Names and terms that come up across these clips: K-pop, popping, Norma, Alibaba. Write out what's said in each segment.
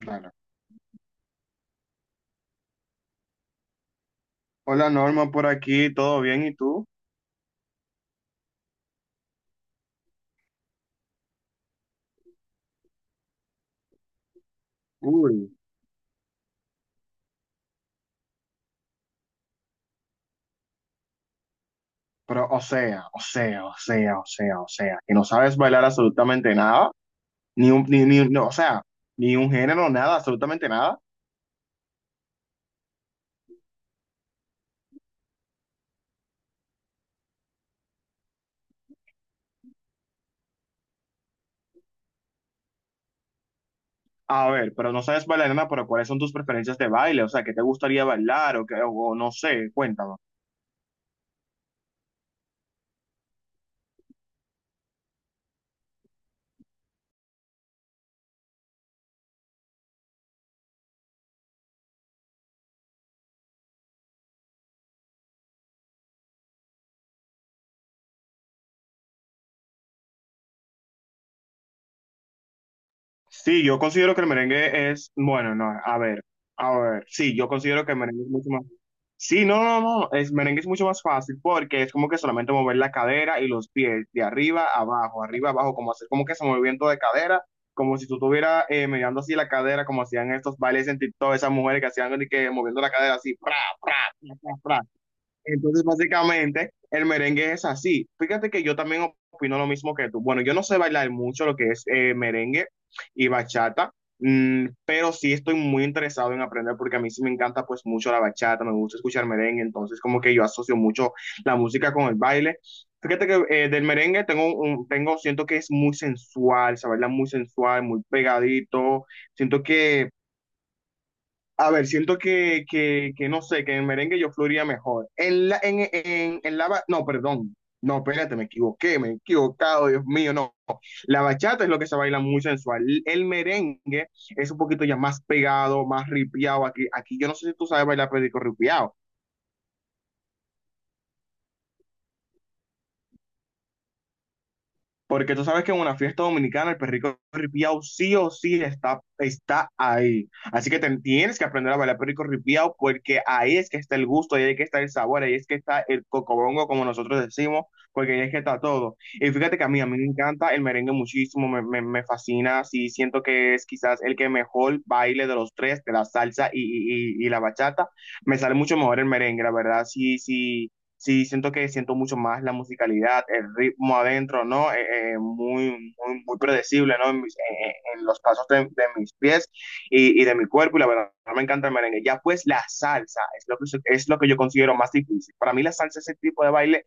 Claro. Hola Norma, por aquí, ¿todo bien? ¿Y tú? Uy, pero o sea, o sea, o sea, o sea, o sea, que no sabes bailar absolutamente nada, ni un, ni, ni, no, o sea, ni un género, nada, absolutamente nada. A ver, pero no sabes bailar nada, pero ¿cuáles son tus preferencias de baile? O sea, ¿qué te gustaría bailar o qué, o no sé, cuéntame. Sí, yo considero que el merengue es, bueno, no, a ver, sí, yo considero que el merengue es mucho más. Sí, no, no, no, es merengue es mucho más fácil porque es como que solamente mover la cadera y los pies de arriba a abajo, como hacer como que ese movimiento de cadera, como si tú estuvieras mirando así la cadera, como hacían estos bailes en TikTok, esas mujeres que hacían de que moviendo la cadera así, pra, pra, pra, pra, pra. Entonces, básicamente, el merengue es así. Fíjate que yo también opino lo mismo que tú. Bueno, yo no sé bailar mucho lo que es merengue y bachata, pero sí estoy muy interesado en aprender porque a mí sí me encanta pues mucho la bachata, me gusta escuchar merengue, entonces como que yo asocio mucho la música con el baile. Fíjate que del merengue siento que es muy sensual, se baila muy sensual, muy pegadito. Siento que siento que no sé, que en merengue yo fluiría mejor. En la, ba- No, perdón. No, espérate, me equivoqué, me he equivocado, Dios mío, no. La bachata es lo que se baila muy sensual. El merengue es un poquito ya más pegado, más ripiado. Aquí, yo no sé si tú sabes bailar perico ripiado. Porque tú sabes que en una fiesta dominicana el perrico ripiao sí o sí está ahí. Así que tienes que aprender a bailar perrico ripiao porque ahí es que está el gusto, ahí es que está el sabor, ahí es que está el cocobongo, como nosotros decimos, porque ahí es que está todo. Y fíjate que a mí, me encanta el merengue muchísimo, me fascina, sí, siento que es quizás el que mejor baile de los tres, de la salsa y la bachata. Me sale mucho mejor el merengue, la verdad, sí, sí sí siento mucho más la musicalidad, el ritmo adentro, ¿no? Muy, muy, muy predecible, ¿no? En los pasos de, mis pies y de mi cuerpo, y la verdad me encanta el merengue. Ya pues la salsa es lo que yo considero más difícil. Para mí la salsa es el tipo de baile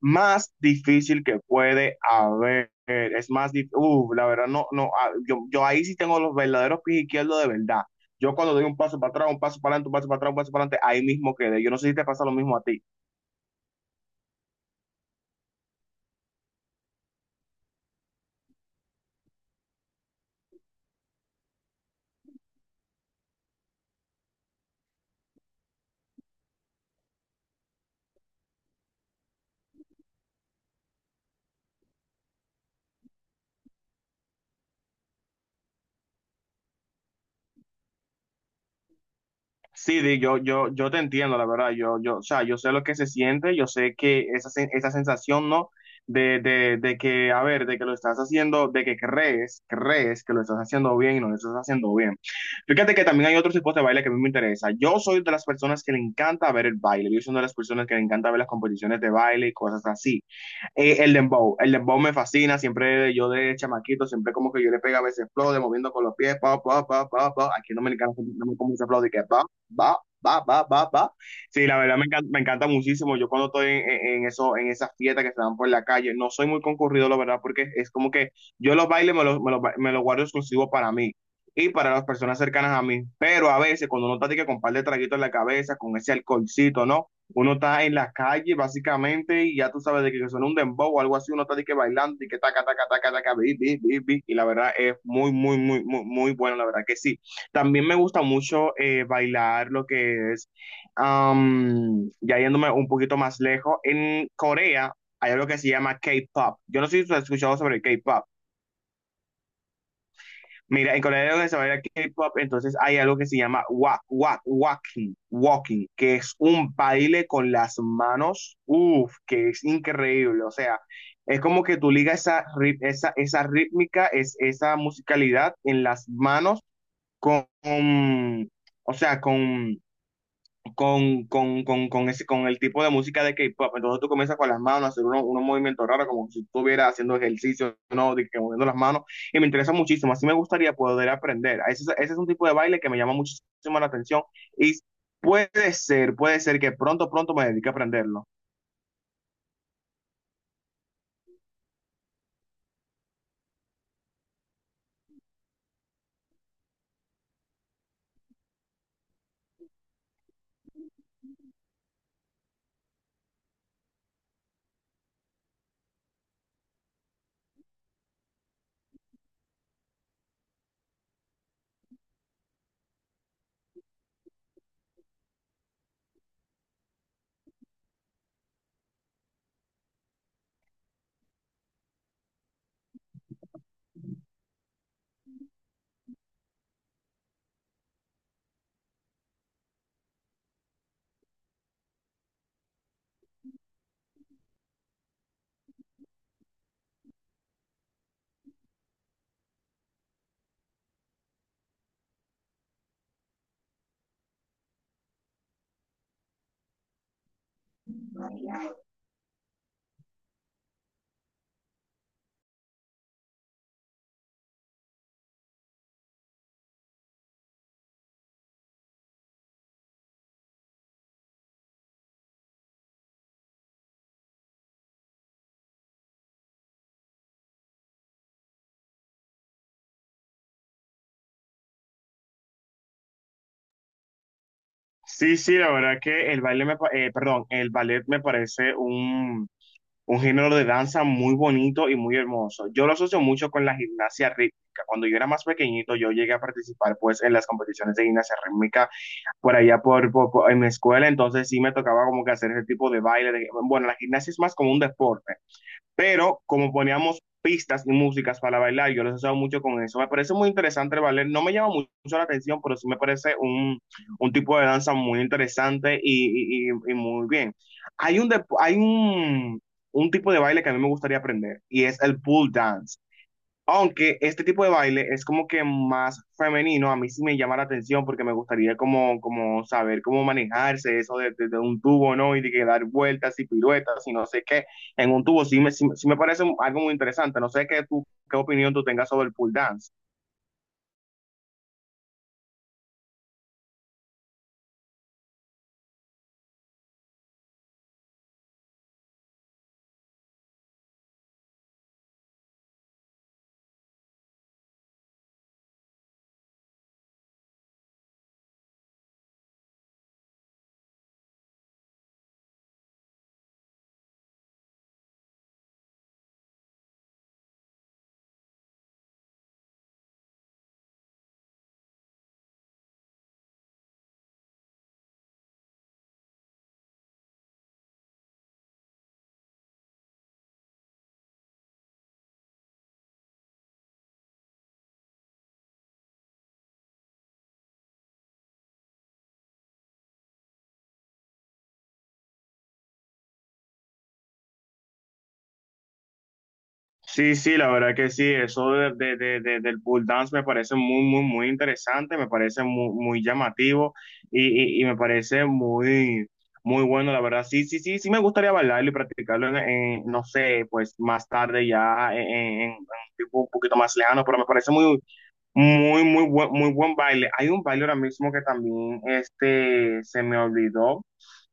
más difícil que puede haber. Es más difícil, la verdad, no, no, yo ahí sí tengo los verdaderos pies izquierdos de verdad. Yo cuando doy un paso para atrás, un paso para adelante, un paso para atrás, un paso para adelante, ahí mismo quedé. Yo no sé si te pasa lo mismo a ti. Sí, yo te entiendo, la verdad. Yo, o sea, yo sé lo que se siente, yo sé que esa, esa sensación, ¿no? De que, a ver, de que lo estás haciendo, de que crees que lo estás haciendo bien y no lo estás haciendo bien. Fíjate que también hay otros tipos de baile que a mí me interesa. Yo soy de las personas que le encanta ver el baile. Yo soy de las personas que le encanta ver las competiciones de baile y cosas así. El dembow me fascina, siempre yo de chamaquito, siempre como que yo le pegaba ese flow de moviendo con los pies, pa, pa, pa, pa, pa, aquí en Dominicana siempre tenemos como ese flow de que pa, va, va, va, va, va. Sí, la verdad me encanta muchísimo. Yo cuando estoy en eso, en esas fiestas que se dan por la calle, no soy muy concurrido, la verdad, porque es como que yo los bailes me los guardo exclusivo para mí y para las personas cercanas a mí. Pero a veces, cuando uno está así que con un par de traguitos en la cabeza, con ese alcoholcito, ¿no? Uno está en la calle, básicamente, y ya tú sabes de que suena un dembow o algo así, uno está de que bailando y que taca, taca, taca, taca, bi, bi, bi, bi. Y la verdad es muy, muy, muy, muy, muy bueno, la verdad que sí. También me gusta mucho bailar lo que es, ya yéndome un poquito más lejos, en Corea hay algo que se llama K-pop. Yo no sé si tú has escuchado sobre el K-pop. Mira, en Corea hay algo que se baila K-pop, entonces hay algo que se llama walk walk walking, walking, que es un baile con las manos, uff, que es increíble. O sea, es como que tú ligas esa rítmica, esa musicalidad en las manos con, o sea, con el tipo de música de K-pop. Entonces tú comienzas con las manos a hacer unos movimientos raros, como si estuvieras haciendo ejercicio, ¿no? De que moviendo las manos. Y me interesa muchísimo. Así me gustaría poder aprender. Ese es un tipo de baile que me llama muchísimo la atención. Y puede ser que pronto, pronto me dedique a aprenderlo. Sí, sí, la verdad que el baile me, perdón, el ballet me parece un género de danza muy bonito y muy hermoso. Yo lo asocio mucho con la gimnasia rítmica. Cuando yo era más pequeñito, yo llegué a participar pues en las competiciones de gimnasia rítmica por allá por, en mi escuela, entonces sí me tocaba como que hacer ese tipo de baile. Bueno, la gimnasia es más como un deporte, pero como poníamos pistas y músicas para bailar, yo los he usado mucho con eso. Me parece muy interesante el ballet, no me llama mucho la atención, pero sí me parece un tipo de danza muy interesante y muy bien. Hay un tipo de baile que a mí me gustaría aprender y es el pool dance. Aunque este tipo de baile es como que más femenino, a mí sí me llama la atención porque me gustaría como saber cómo manejarse eso de un tubo, ¿no? Y de que dar vueltas y piruetas y no sé qué en un tubo. Sí me parece algo muy interesante. No sé qué opinión tú tengas sobre el pool dance. Sí, sí, la verdad que sí, eso del pole dance me parece muy, muy, muy interesante, me parece muy, muy llamativo y me parece muy, muy bueno, la verdad. Sí, sí, sí, sí me gustaría bailarlo y practicarlo en, no sé, pues más tarde ya en un tipo un poquito más lejano, pero me parece muy, muy, muy buen baile. Hay un baile ahora mismo que también se me olvidó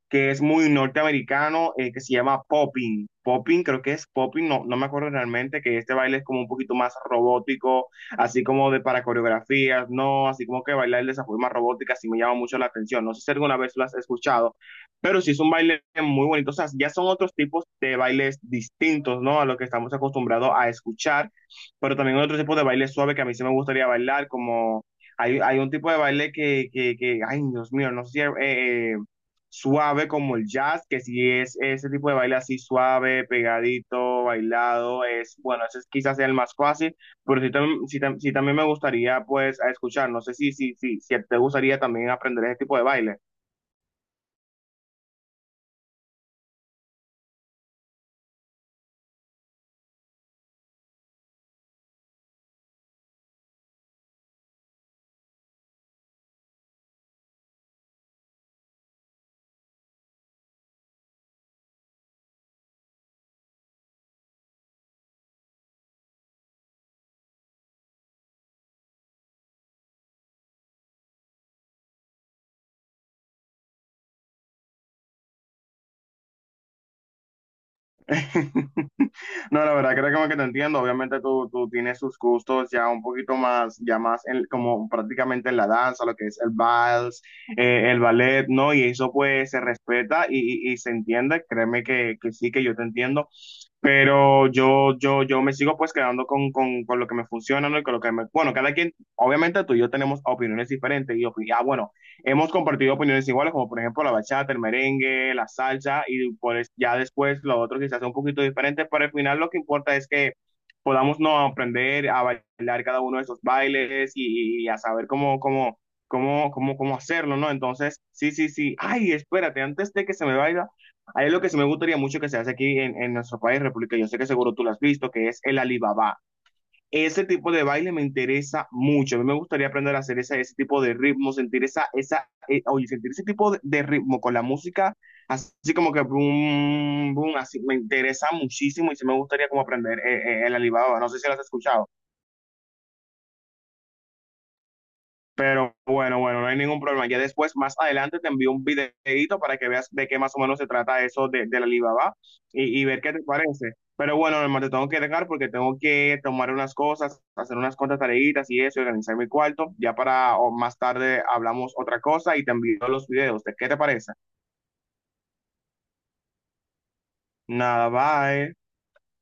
que es muy norteamericano, que se llama popping. Popping, creo que es popping, no, no me acuerdo realmente, que este baile es como un poquito más robótico, así como de para coreografías, no, así como que bailar de esa forma robótica, sí me llama mucho la atención. No sé si alguna vez lo has escuchado, pero sí es un baile muy bonito. O sea, ya son otros tipos de bailes distintos, ¿no? A lo que estamos acostumbrados a escuchar, pero también otro tipo de baile suave que a mí sí me gustaría bailar, como hay un tipo de baile que ay, Dios mío, no sé si. Eh, Suave como el jazz, que si es ese tipo de baile así suave, pegadito, bailado, bueno, ese es quizás sea el más fácil, pero sí, también me gustaría pues a escuchar, no sé si te gustaría también aprender ese tipo de baile. No, la verdad creo que como que te entiendo, obviamente tú tienes sus gustos ya un poquito más, ya más como prácticamente en la danza, lo que es el vals, el ballet, ¿no? Y eso pues se respeta y se entiende, créeme que sí, que yo te entiendo. Pero yo me sigo pues quedando con lo que me funciona, ¿no? Y con lo que me. Bueno, cada quien, obviamente tú y yo tenemos opiniones diferentes y bueno, hemos compartido opiniones iguales, como por ejemplo la bachata, el merengue, la salsa y pues ya después lo otro quizás sea un poquito diferente, pero al final lo que importa es que podamos no aprender a bailar cada uno de esos bailes y a saber cómo hacerlo, ¿no? Entonces, sí, sí, sí. Ay, espérate, antes de que se me vaya. Hay algo que sí me gustaría mucho que se hace aquí en nuestro país, República, yo sé que seguro tú lo has visto, que es el Alibaba. Ese tipo de baile me interesa mucho. A mí me gustaría aprender a hacer ese tipo de ritmo, sentir oye, sentir ese tipo de ritmo con la música, así como que boom, boom, así me interesa muchísimo y sí me gustaría como aprender el Alibaba. No sé si lo has escuchado. Pero bueno, bueno, no hay ningún problema. Ya después, más adelante, te envío un videito para que veas de qué más o menos se trata eso de la Alibaba y ver qué te parece. Pero bueno, Norma, te tengo que dejar porque tengo que tomar unas cosas, hacer unas cuantas tareitas y eso, y organizar mi cuarto. Ya para o más tarde hablamos otra cosa y te envío los videos. ¿De qué te parece? Nada, bye.